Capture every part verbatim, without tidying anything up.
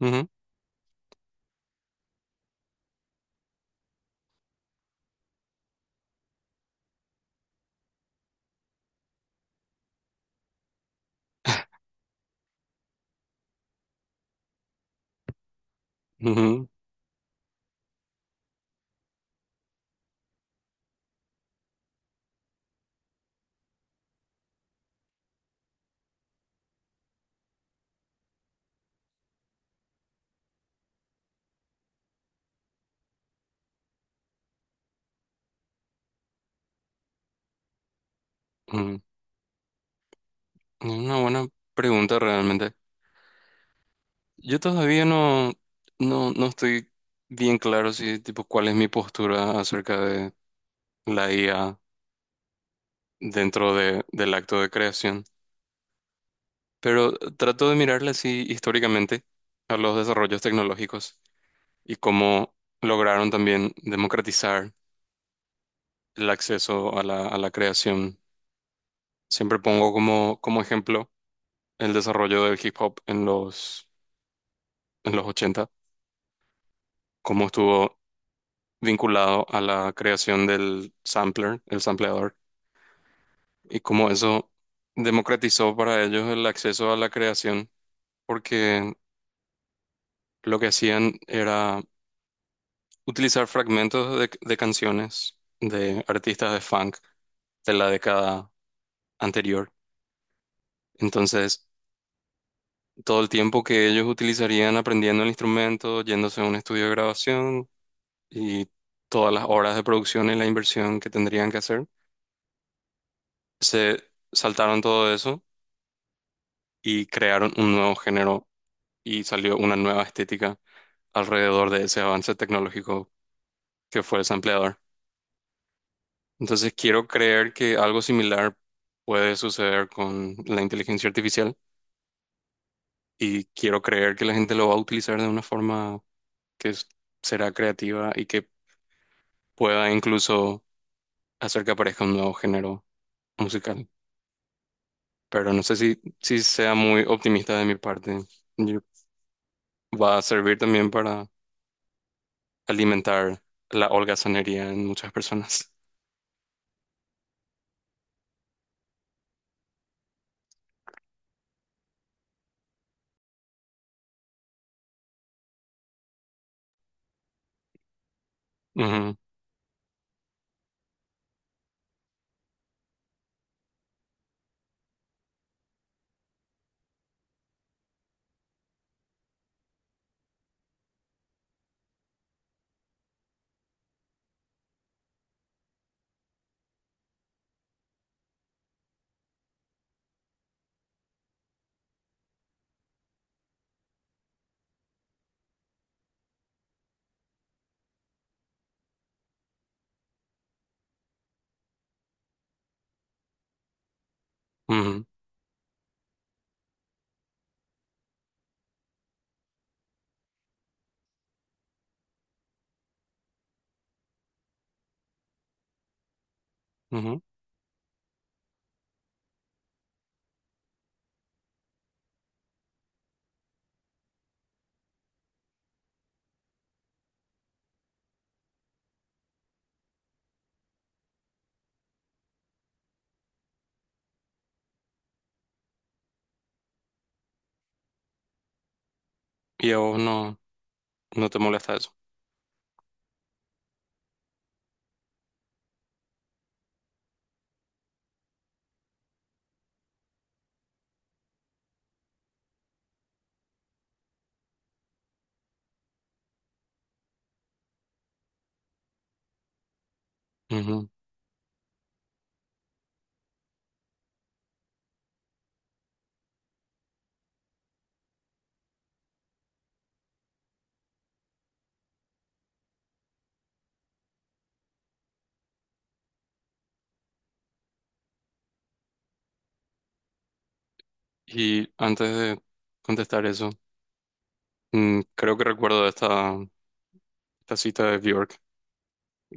Ujú, ujú, ujú. Es una buena pregunta realmente. Yo todavía no, no, no estoy bien claro si, tipo, cuál es mi postura acerca de la I A dentro de, del acto de creación. Pero trato de mirarla así históricamente a los desarrollos tecnológicos y cómo lograron también democratizar el acceso a la, a la creación. Siempre pongo como, como ejemplo el desarrollo del hip hop en los, en los ochenta, cómo estuvo vinculado a la creación del sampler, el sampleador, y cómo eso democratizó para ellos el acceso a la creación, porque lo que hacían era utilizar fragmentos de, de canciones de artistas de funk de la década anterior. Entonces, todo el tiempo que ellos utilizarían aprendiendo el instrumento, yéndose a un estudio de grabación y todas las horas de producción y la inversión que tendrían que hacer, se saltaron todo eso y crearon un nuevo género y salió una nueva estética alrededor de ese avance tecnológico que fue el sampleador. Entonces quiero creer que algo similar puede suceder con la inteligencia artificial y quiero creer que la gente lo va a utilizar de una forma que es- será creativa y que pueda incluso hacer que aparezca un nuevo género musical. Pero no sé si, si sea muy optimista de mi parte. Yo- Va a servir también para alimentar la holgazanería en muchas personas. Ujú, ujú, ujú. Y a vos no, no te molesta eso. Ujú. Y antes de contestar eso, mm, creo que recuerdo esta, esta cita de Bjork.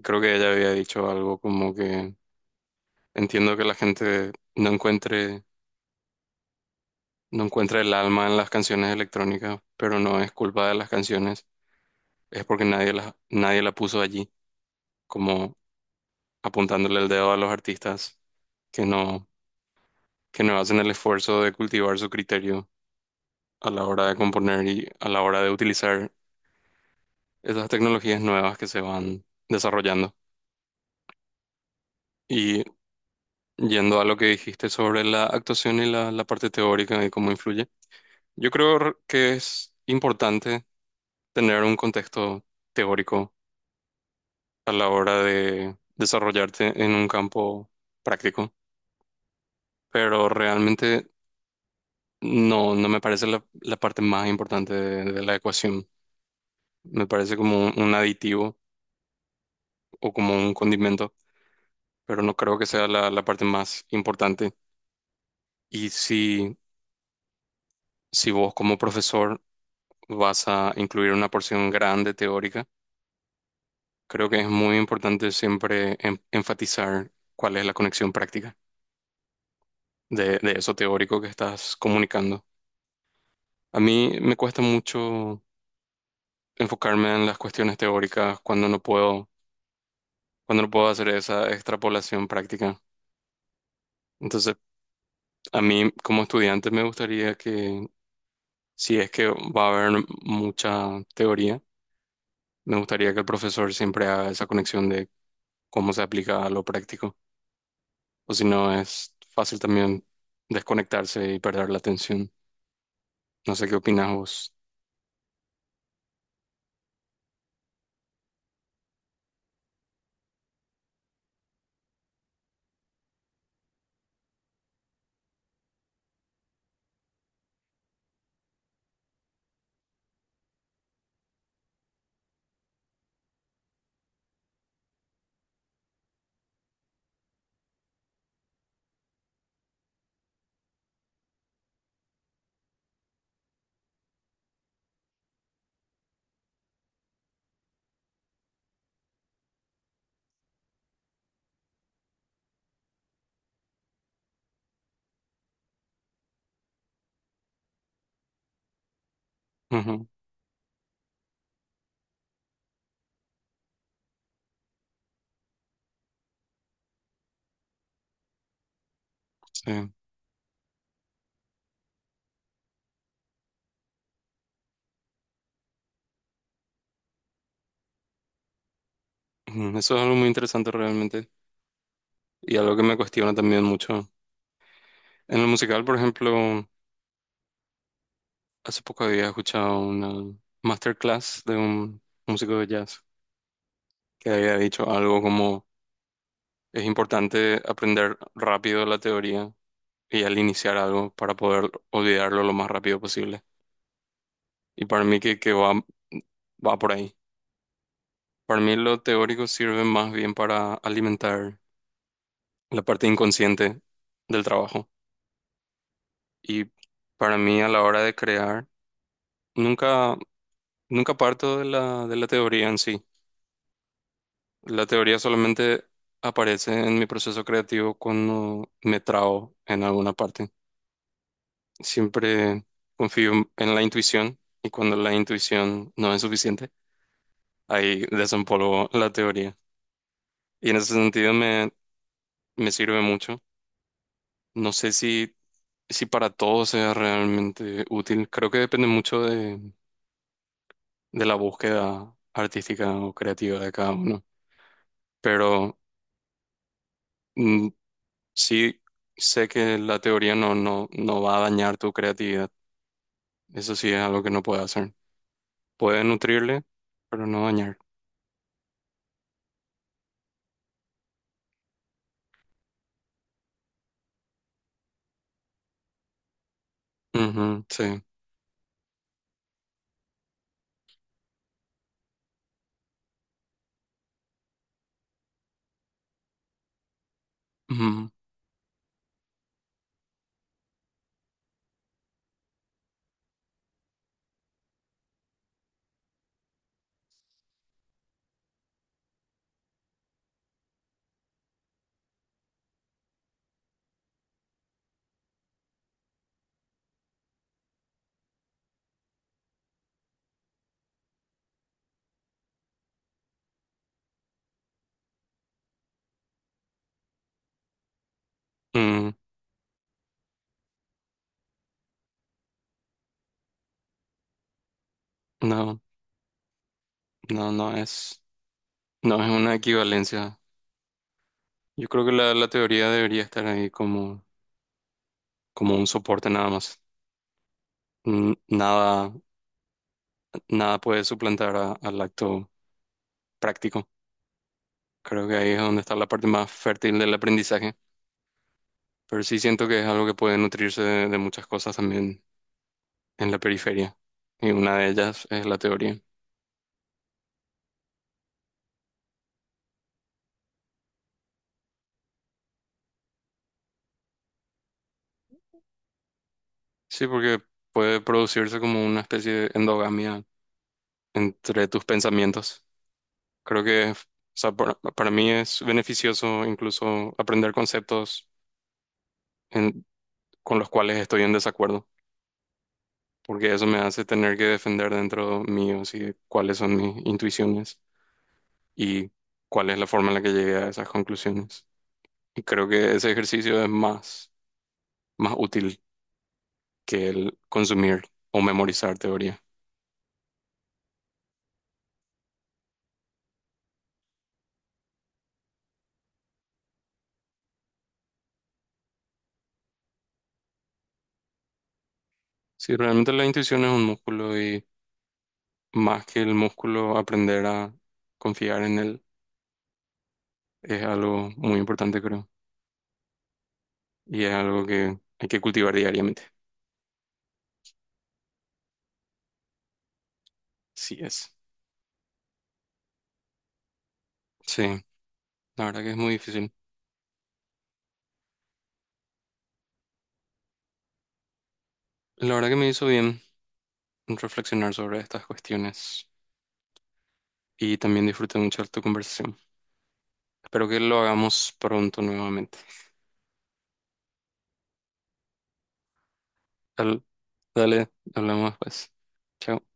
Creo que ella había dicho algo como que entiendo que la gente no encuentre, no encuentra el alma en las canciones electrónicas, pero no es culpa de las canciones, es porque nadie la, nadie la puso allí, como apuntándole el dedo a los artistas que no, que no hacen el esfuerzo de cultivar su criterio a la hora de componer y a la hora de utilizar esas tecnologías nuevas que se van desarrollando. Y yendo a lo que dijiste sobre la actuación y la, la parte teórica y cómo influye, yo creo r- que es importante tener un contexto teórico a la hora de desarrollarte en un campo práctico, pero realmente no, no me parece la, la parte más importante de de la ecuación. Me parece como un un aditivo o como un condimento, pero no creo que sea la, la parte más importante. Y si, si vos como profesor vas a incluir una porción grande teórica, creo que es muy importante siempre en- enfatizar cuál es la conexión práctica de, de eso teórico que estás comunicando. A mí me cuesta mucho enfocarme en las cuestiones teóricas cuando no puedo, cuando no puedo hacer esa extrapolación práctica. Entonces, a mí como estudiante me gustaría que, si es que va a haber mucha teoría, me gustaría que el profesor siempre haga esa conexión de cómo se aplica a lo práctico, o si no es fácil también desconectarse y perder la atención. No sé qué opinas vos. Ujú, sí. Ujú, eso es algo muy interesante realmente y algo que me cuestiona también mucho. En el musical, por ejemplo, hace poco había escuchado una masterclass de un músico de jazz que había dicho algo como es importante aprender rápido la teoría y al iniciar algo para poder olvidarlo lo más rápido posible. Y para mí que, que va, va por ahí. Para mí lo teórico sirve más bien para alimentar la parte inconsciente del trabajo. Y para mí a la hora de crear, nunca, nunca parto de la, de la teoría en sí. La teoría solamente aparece en mi proceso creativo cuando me trabo en alguna parte. Siempre confío en la intuición y cuando la intuición no es suficiente, ahí desempolvo la teoría. Y en ese sentido me, me sirve mucho. No sé si, si para todos sea realmente útil. Creo que depende mucho de, de la búsqueda artística o creativa de cada uno. Pero mm, sí sé que la teoría no, no, no va a dañar tu creatividad. Eso sí es algo que no puede hacer. Puede nutrirle, pero no dañar. Ujú, sí. Ujú. Mm, no, no, no es, no es una equivalencia. Yo creo que la, la teoría debería estar ahí como, como un soporte nada más. N- Nada nada puede suplantar a- al acto práctico. Creo que ahí es donde está la parte más fértil del aprendizaje, pero sí siento que es algo que puede nutrirse de, de muchas cosas también en la periferia, y una de ellas es la teoría. Sí, porque puede producirse como una especie de endogamia entre tus pensamientos. Creo que, o sea, para, para mí es beneficioso incluso aprender conceptos en- con los cuales estoy en desacuerdo. Porque eso me hace tener que defender dentro mío, sí, cuáles son mis intuiciones y cuál es la forma en la que llegué a esas conclusiones. Y creo que ese ejercicio es más, más útil que el consumir o memorizar teoría. Si realmente la intuición es un músculo y más que el músculo, aprender a confiar en él es algo muy importante, creo. Y es algo que hay que cultivar diariamente. Sí es. Sí, la verdad que es muy difícil. La verdad que me hizo bien reflexionar sobre estas cuestiones y también disfruté mucho de tu conversación. Espero que lo hagamos pronto nuevamente. Al- Dale, hablamos pues. Chao.